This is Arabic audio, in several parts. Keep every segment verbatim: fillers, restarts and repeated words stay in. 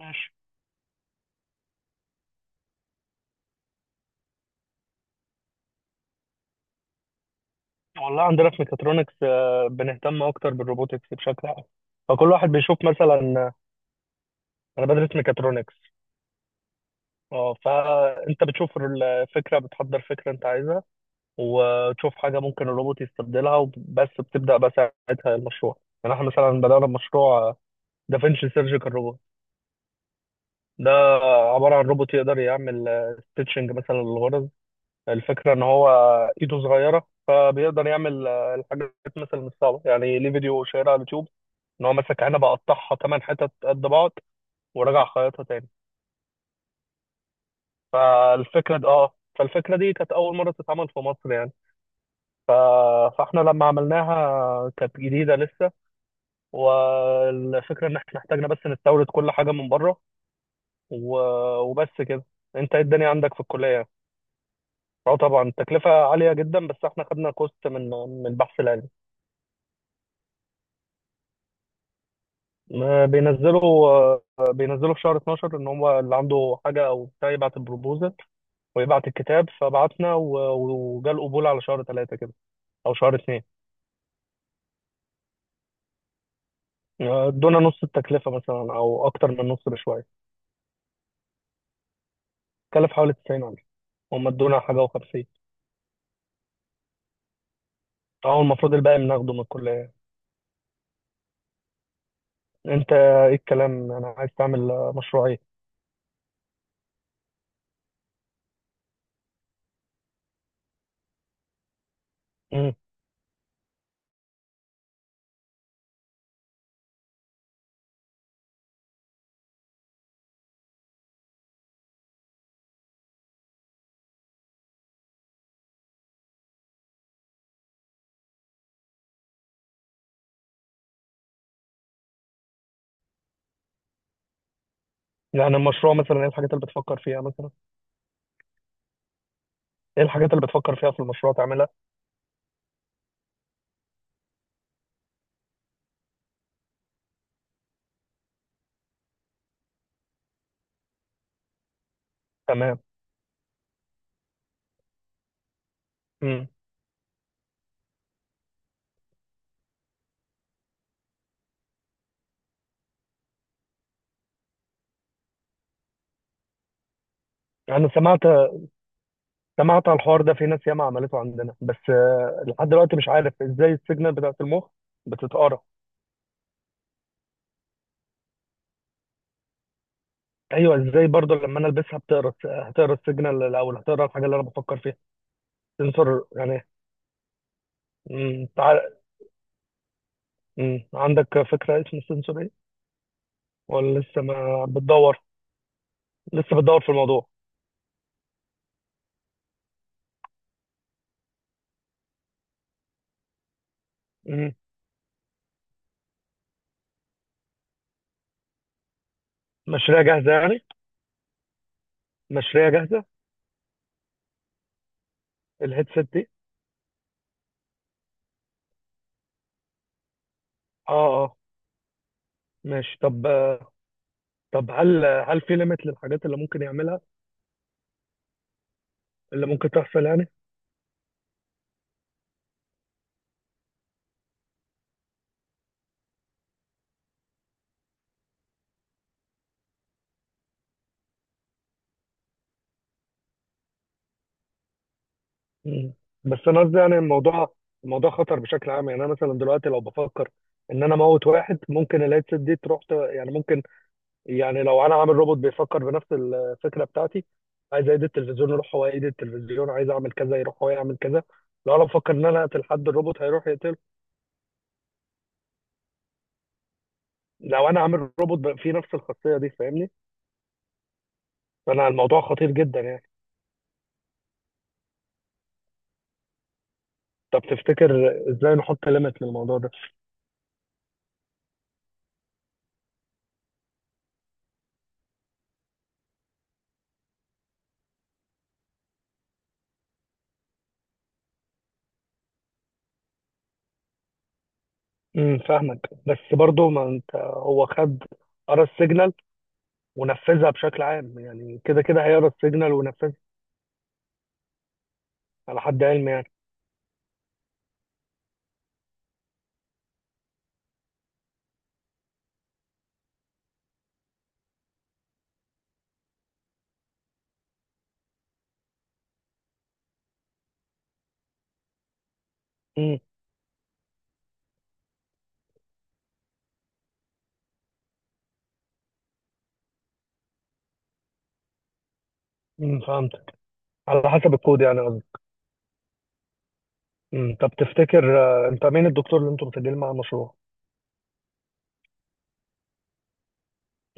ماشي. والله عندنا في ميكاترونكس آه، بنهتم اكتر بالروبوتكس بشكل عام. فكل واحد بيشوف مثلا آه، انا بدرس ميكاترونكس. اه، فانت بتشوف الفكره، بتحضر فكره انت عايزها وتشوف حاجه ممكن الروبوت يستبدلها، وبس بتبدا بقى ساعتها المشروع. يعني احنا مثلا بدانا بمشروع دافنشي سيرجيكال روبوت. ده عباره عن روبوت يقدر يعمل ستيتشنج مثلا للغرز. الفكرة ان هو ايده صغيرة، فبيقدر يعمل آه، الحاجات مثلا مش صعبة. يعني ليه فيديو شهير على اليوتيوب، ان هو مسك عنبة قطعها ثمان حتت قد بعض ورجع خيطها تاني. فالفكرة دي اه فالفكرة دي كانت أول مرة تتعمل في مصر يعني. ف... فاحنا لما عملناها كانت جديدة لسه، والفكرة ان احنا احتاجنا بس نستورد كل حاجة من بره. و... وبس كده. انت ايه الدنيا عندك في الكلية؟ اه، طبعا التكلفة عالية جدا، بس احنا خدنا كوست من من البحث العلمي. ما بينزلوا آه، بينزلوا في شهر اتناشر، ان هو اللي عنده حاجه او بتاع يبعت البروبوزل ويبعت الكتاب. فبعتنا و- وجا القبول على شهر ثلاثة كده، او شهر اثنين. آه، ادونا نص التكلفه مثلا، او اكتر من نص بشويه. كلف حوالي تسعين الف، هم ادونا حاجه وخمسين، او المفروض الباقي بناخده من الكليه. انت ايه الكلام؟ انا عايز تعمل آه، مشروع ايه؟ مم. يعني المشروع مثلا ايه الحاجات اللي بتفكر فيها مثلا؟ ايه الحاجات اللي بتفكر فيها في المشروع تعملها؟ تمام. مم. انا سمعت سمعت عن الحوار ده، في ناس ياما عملته عندنا، بس آه، لحد دلوقتي مش عارف ازاي السيجنال بتاعت المخ بتتقرا. ايوه، ازاي برضه لما انا البسها بتقرا الس- هتقرا السيجنال الاول؟ هتقرا الحاجه اللي انا بفكر فيها؟ سنسور يعني؟ مم، تع- مم، عندك فكره اسم السنسور ايه، ولا لسه ما بتدور؟ لسه بتدور في الموضوع. مم. مشاريع جاهزه يعني؟ مشاريع جاهزه؟ الهيدسيت دي؟ اه، اه. ماشي. طب، طب هل هل في ليميت للحاجات اللي ممكن يعملها، اللي ممكن تحصل يعني؟ مم. بس انا قصدي يعني الموضوع الموضوع خطر بشكل عام. يعني انا مثلا دلوقتي لو بفكر ان انا اموت واحد، ممكن الهيدسيت دي تروح ت- يعني ممكن، يعني لو انا عامل روبوت بيفكر بنفس الفكره بتاعتي، عايز ايد التلفزيون يروح هو ايد التلفزيون، عايز اعمل كذا يروح هو يعمل كذا. لو انا بفكر ان انا اقتل حد، الروبوت هيروح يقتله. لو انا عامل روبوت بقى فيه نفس الخاصيه دي، فاهمني؟ فانا الموضوع خطير جدا يعني. طب تفتكر ازاي نحط ليميت للموضوع ده؟ امم فاهمك، بس برضو ما انت هو خد، قرا السيجنال ونفذها بشكل عام. يعني كده كده هيقرا السيجنال وينفذها، على حد علمي يعني. امم امم فهمتك، على حسب الكود يعني قصدي. امم طب تفتكر آه، انت مين الدكتور اللي انتوا بتسجلوا معاه المشروع؟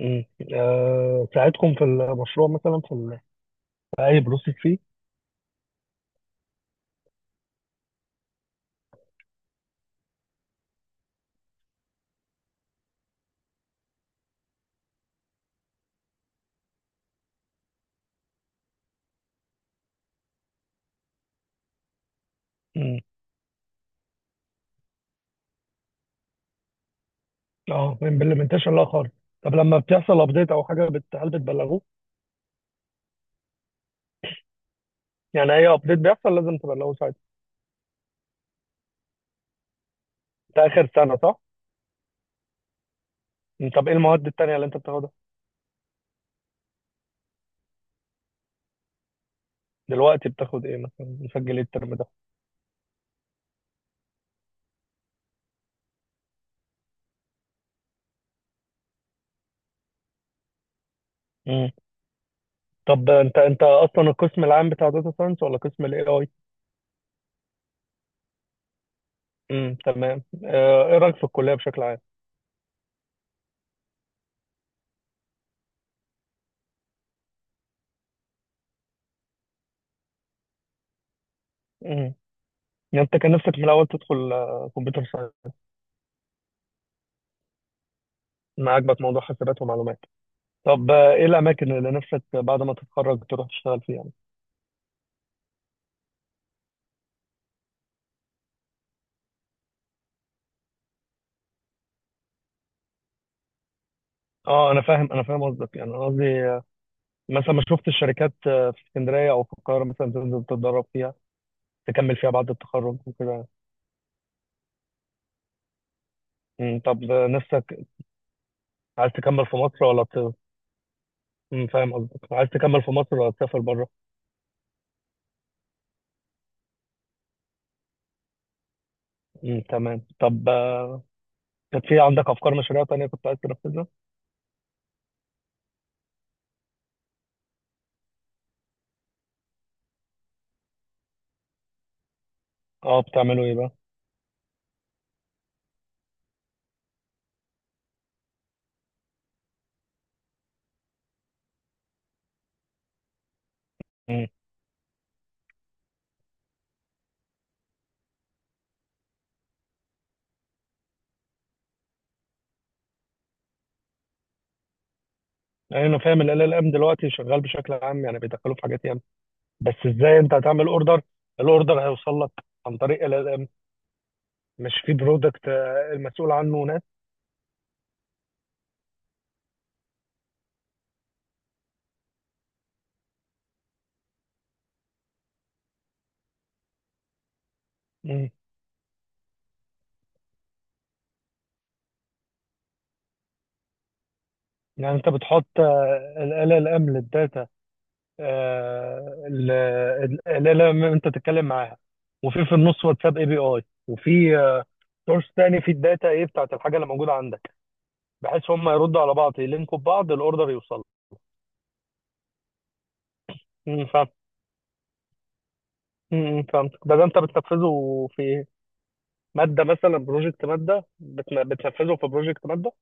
امم. آه، ساعدكم في المشروع مثلا في، ال... في اي بروسيس فيه؟ امم اه، امبلمنتيشن لا خالص. طب لما بتحصل ابديت او حاجه بت... هل بتبلغوه؟ يعني اي ابديت بيحصل لازم تبلغوه ساعتها. ده اخر سنه صح؟ مم، طب ايه المواد التانيه اللي انت بتاخدها؟ دلوقتي بتاخد ايه مثلا؟ مسجل ايه الترم ده؟ طب انت، انت اصلا القسم العام بتاع داتا ساينس، ولا قسم الاي اي؟ امم تمام. آه، ايه رايك في الكليه بشكل عام؟ امم. يعني انت كان نفسك من الاول تدخل كمبيوتر ساينس؟ ما عجبك موضوع حسابات ومعلومات؟ طب آه، ايه الاماكن اللي نفسك بعد ما تتخرج تروح تشتغل فيها يعني؟ اه، انا فاهم، انا فاهم قصدك. يعني انا قصدي آه، مثلا ما شفت الشركات آه، في اسكندريه او في القاهره مثلا تنزل تتدرب فيها، تكمل فيها بعد التخرج وكده. امم طب آه، نفسك عايز تكمل في مصر ولا ت... امم، فاهم قصدك، عايز تكمل في مصر ولا تسافر بره؟ مم، تمام. طب آه، كانت في عندك افكار مشاريع تانية كنت عايز تنفذها؟ اه، بتعملوا ايه بقى؟ مم. يعني انا فاهم ال ال ام دلوقتي شغال بشكل عام، يعني بيدخلوا في حاجات ياما. بس ازاي انت هتعمل اوردر؟ الاوردر هيوصل لك عن طريق ال ال ام، مش في برودكت المسؤول عنه ناس؟ مم. يعني انت بتحط ال ال ام للداتا، آه، ال ال ام انت تتكلم معاها، وفي في النص واتساب اي بي اي، وفي سورس تاني في الداتا، ايه بتاعت الحاجه اللي موجوده عندك؟ بحيث هم يردوا على بعض يلينكوا ببعض، الاوردر يوصل. امم فاهم. امم فهمت. ده, ده انت بتنفذه في ماده مثلا؟ بروجكت ماده؟ بتن- بتنفذه في بروجكت ماده؟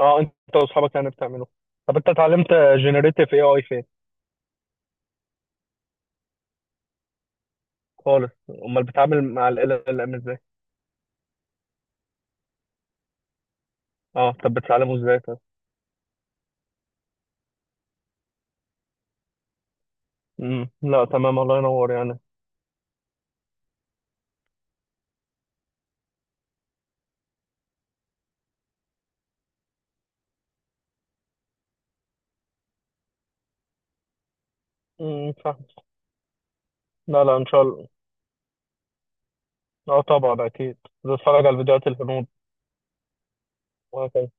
اه، انت واصحابك يعني بتعمله. طب انت اتعلمت جنريتيف اي اي فين؟ خالص؟ امال بتتعامل مع ال ال ام ازاي؟ اه، طب بتتعلمه ازاي طب؟ امم لا، تمام، الله ينور يعني. امم فاهم. لا، لا، ان شاء الله. اه، طبعا اكيد بتتفرج على الفيديوهات الهنود، وهكذا.